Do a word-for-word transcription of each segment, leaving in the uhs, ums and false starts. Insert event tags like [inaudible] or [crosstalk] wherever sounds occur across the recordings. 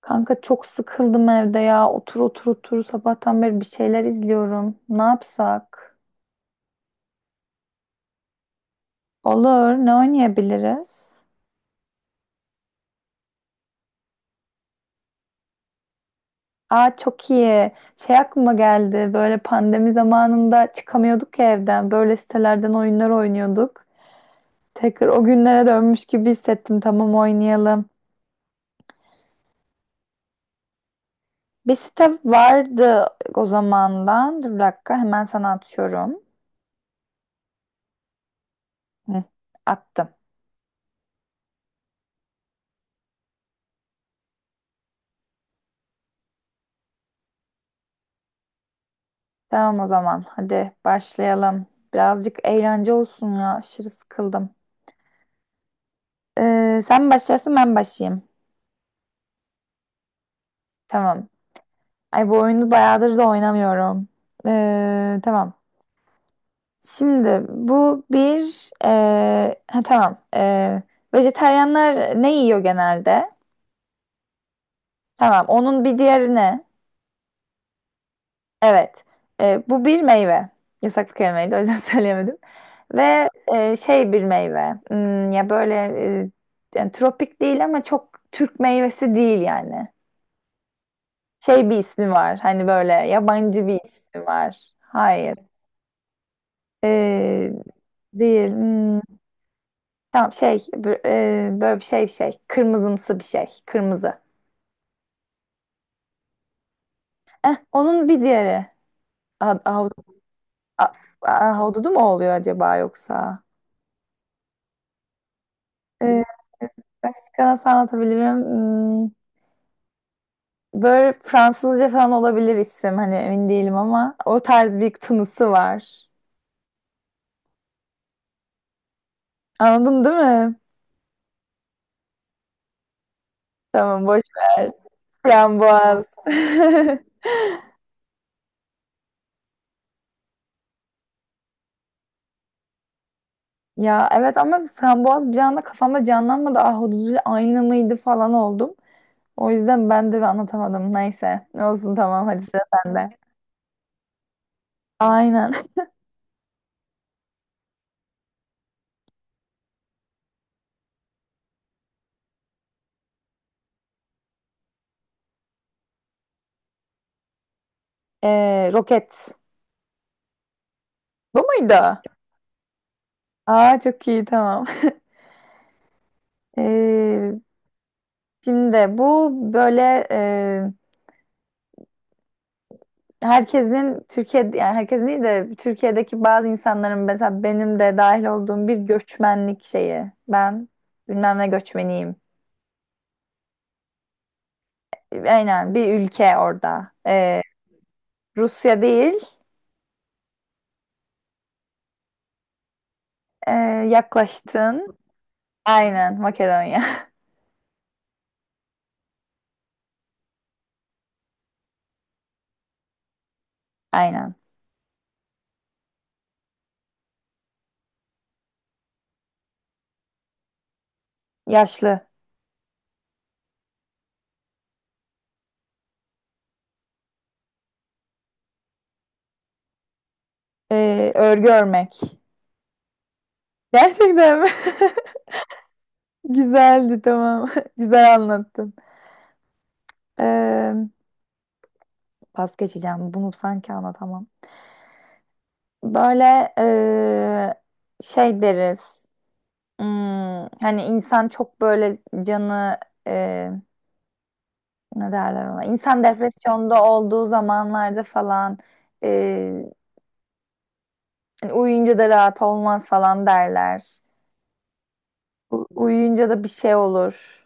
Kanka çok sıkıldım evde ya. Otur otur otur sabahtan beri bir şeyler izliyorum. Ne yapsak? Olur. Ne oynayabiliriz? Aa çok iyi. Şey aklıma geldi. Böyle pandemi zamanında çıkamıyorduk ya evden. Böyle sitelerden oyunlar oynuyorduk. Tekrar o günlere dönmüş gibi hissettim. Tamam oynayalım. Bir site vardı o zamandan. Dur bir dakika hemen sana atıyorum. Hı, attım. Tamam o zaman. Hadi başlayalım. Birazcık eğlence olsun ya. Aşırı sıkıldım. Ee, sen mi başlarsın ben mi başlayayım. Tamam. Ay bu oyunu bayağıdır da oynamıyorum. Ee, tamam. Şimdi bu bir... ee, ha, tamam. Ee, vejetaryenler ne yiyor genelde? Tamam. Onun bir diğeri ne? Evet. E, bu bir meyve. Yasaklı kelimeydi o yüzden [laughs] söyleyemedim. Ve e, şey bir meyve. Hmm, ya böyle e, yani tropik değil ama çok Türk meyvesi değil yani. Şey bir ismi var. Hani böyle yabancı bir ismi var. Hayır. E, değil. Hmm, tamam şey b- e, böyle bir şey bir şey. Kırmızımsı bir şey. Kırmızı. Eh, onun bir diğeri. Ahududu mu oluyor acaba yoksa? Ee, Başka nasıl anlatabilirim? Hmm, Böyle Fransızca falan olabilir isim. Hani emin değilim ama o tarz bir tınısı var. Anladın değil mi? Tamam boş ver. Frambuaz. [laughs] Ya evet ama frambuaz bir anda kafamda canlanmadı. Ahududuyla aynı mıydı falan oldum. O yüzden ben de anlatamadım. Neyse. Olsun tamam hadi sıra sende. Aynen. [laughs] Ee, roket. Bu muydu? Aa çok iyi tamam. [laughs] Ee, Şimdi bu böyle herkesin Türkiye'de yani herkesin değil de Türkiye'deki bazı insanların mesela benim de dahil olduğum bir göçmenlik şeyi. Ben bilmem ne göçmeniyim. Aynen bir ülke orada. Ee, Rusya değil. ee, Yaklaştın. Aynen Makedonya. [laughs] Aynen. Yaşlı. Ee, örgü örmek. Gerçekten mi? [laughs] Güzeldi tamam. [laughs] Güzel anlattın. Ee, Pas geçeceğim. Bunu sanki anlatamam. Böyle eee, şey deriz. Hmm, Hani insan çok böyle canı eee, ne derler ona? İnsan depresyonda olduğu zamanlarda falan eee, hani uyuyunca da rahat olmaz falan derler. U- uyuyunca da bir şey olur.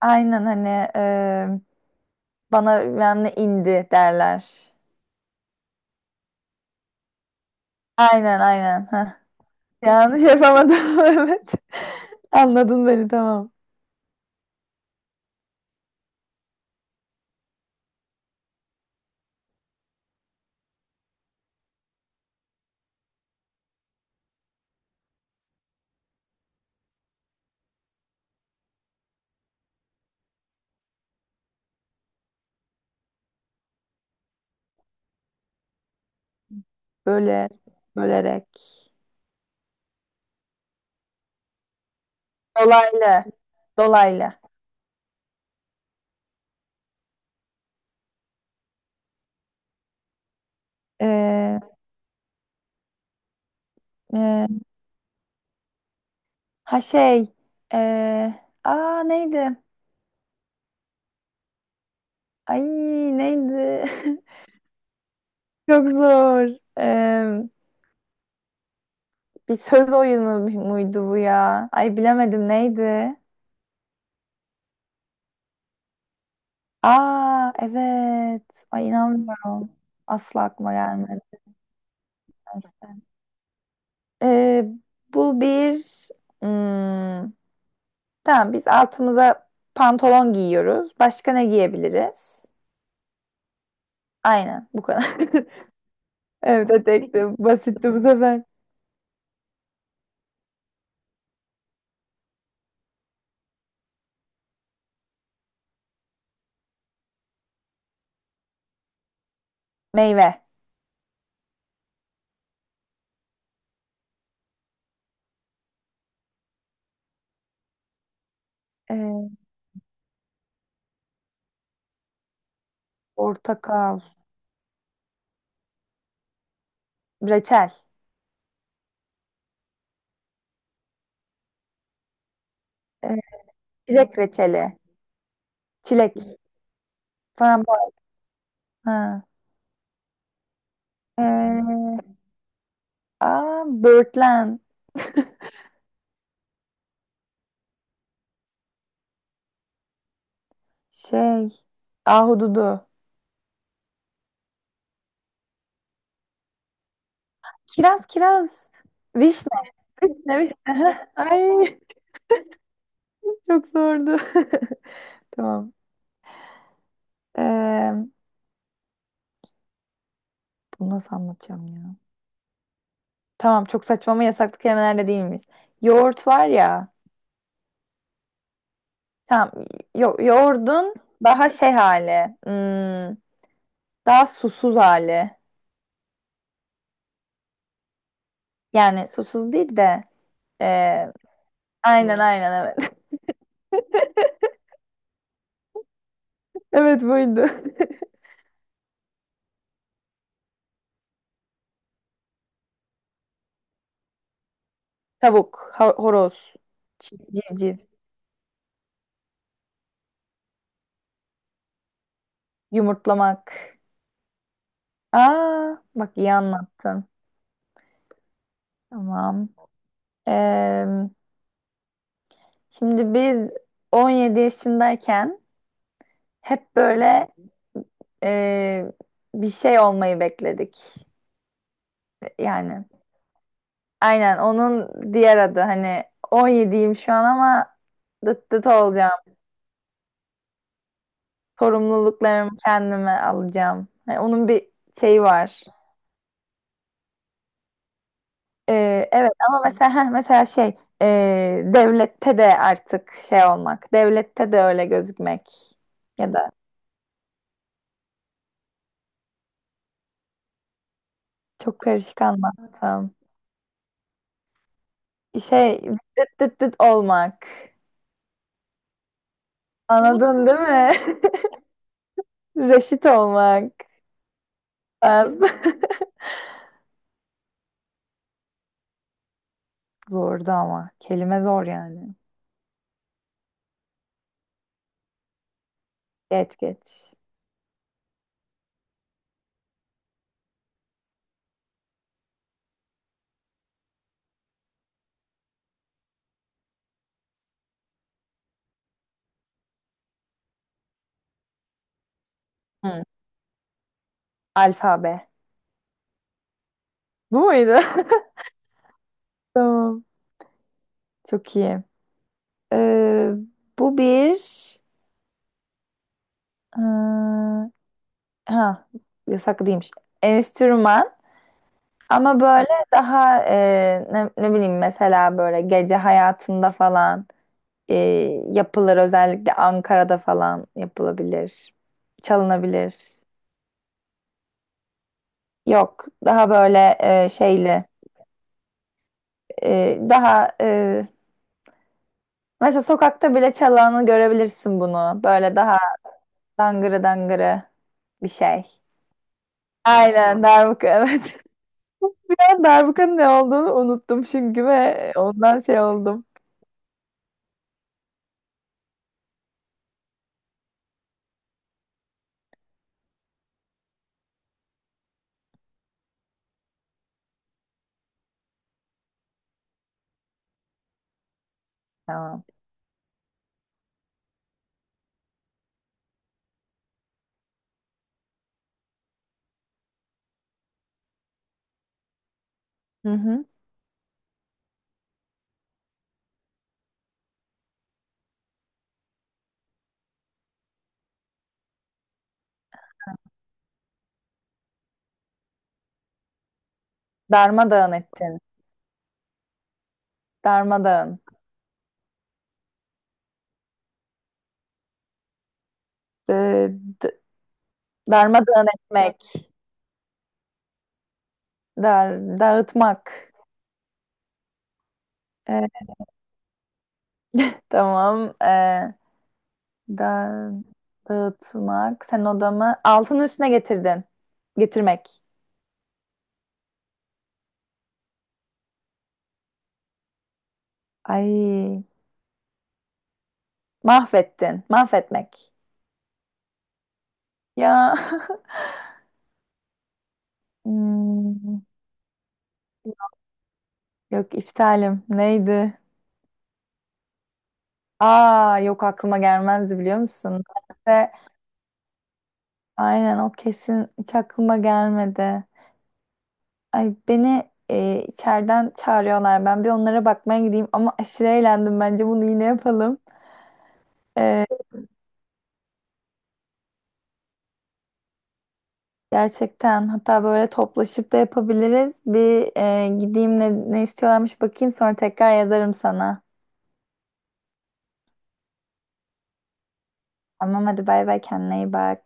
Aynen hani eee, bana bilmem ne indi derler. Aynen aynen. Heh. Yanlış yapamadım. [laughs] Evet. Anladın beni tamam. Böyle bölerek. Dolaylı. Dolaylı. Ee, e, ha şey. ee, Aa neydi? Ay neydi? [laughs] Çok zor. Ee, Bir söz oyunu muydu bu ya? Ay bilemedim neydi? Aa evet. Ay inanmıyorum. Asla aklıma gelmedi. Neyse. Ee, Bu bir hmm, tamam biz altımıza pantolon giyiyoruz. Başka ne giyebiliriz? Aynen bu kadar. [laughs] Evet, tekti. Basitti bu sefer. Meyve. Ee, Portakal. Reçel. Ee, Çilek reçeli. Çilek. Frambuaz. Ha. Ee, Aa, böğürtlen. [laughs] Şey. Ahududu. Kiraz, kiraz. Vişne. Vişne, vişne. [laughs] Ay, çok zordu. [laughs] Tamam. Ee, Bunu nasıl anlatacağım ya? Tamam, çok saçma ama yasaklı kelimeler de değilmiş. Yoğurt var ya. Tamam. Yo yoğurdun daha şey hali. Hmm, daha susuz hali. Yani susuz değil de. e, aynen. Hmm. Aynen evet. [laughs] Evet buydu. [laughs] Tavuk, ha- horoz, çiv- civciv, yumurtlamak. Aa, bak iyi anlattın. Tamam. Ee, Şimdi biz on yedi yaşındayken hep böyle e, bir şey olmayı bekledik. Yani aynen onun diğer adı hani on yediyim şu an ama dıt dıt olacağım. Sorumluluklarımı kendime alacağım. Hani onun bir şeyi var. Ee, evet ama mesela heh, mesela şey ee, devlette de artık şey olmak. Devlette de öyle gözükmek. Ya da çok karışık anlattım. Şey dıt dıt dıt olmak. Anladın değil mi? [laughs] Reşit olmak. Ben- [laughs] Zordu ama. Kelime zor yani. Geç geç. Hı, alfabe. Bu muydu? [laughs] Tamam. Çok iyi. Ee, Bu bir ee, ha yasaklıymış. Enstrüman ama böyle daha ee, ne, ne bileyim mesela böyle gece hayatında falan ee, yapılır, özellikle Ankara'da falan yapılabilir. Çalınabilir. Yok daha böyle ee, şeyli, ee, daha ee, mesela sokakta bile çalanı görebilirsin bunu. Böyle daha dangırı dangırı bir şey. Aynen darbuka evet. [laughs] Ben darbukanın ne olduğunu unuttum çünkü ve ondan şey oldum. Tamam. Hı hı. Darmadağın ettin. Darmadağın. D- d- Darmadağın etmek. Dar dağıtmak. E, tamam. E, da Dağıtmak. Sen odamı altının üstüne getirdin. Getirmek. Ay mahvettin. Mahvetmek. Ya. [laughs] Hmm. Yok iptalim. Neydi? Aa yok aklıma gelmezdi biliyor musun? Neyse, aynen o kesin hiç aklıma gelmedi. Ay beni e, içeriden çağırıyorlar. Ben bir onlara bakmaya gideyim ama aşırı eğlendim. Bence bunu yine yapalım. E, Gerçekten hatta böyle toplaşıp da yapabiliriz. Bir e, gideyim ne, ne istiyorlarmış bakayım, sonra tekrar yazarım sana. Tamam hadi bay bay, kendine iyi bak.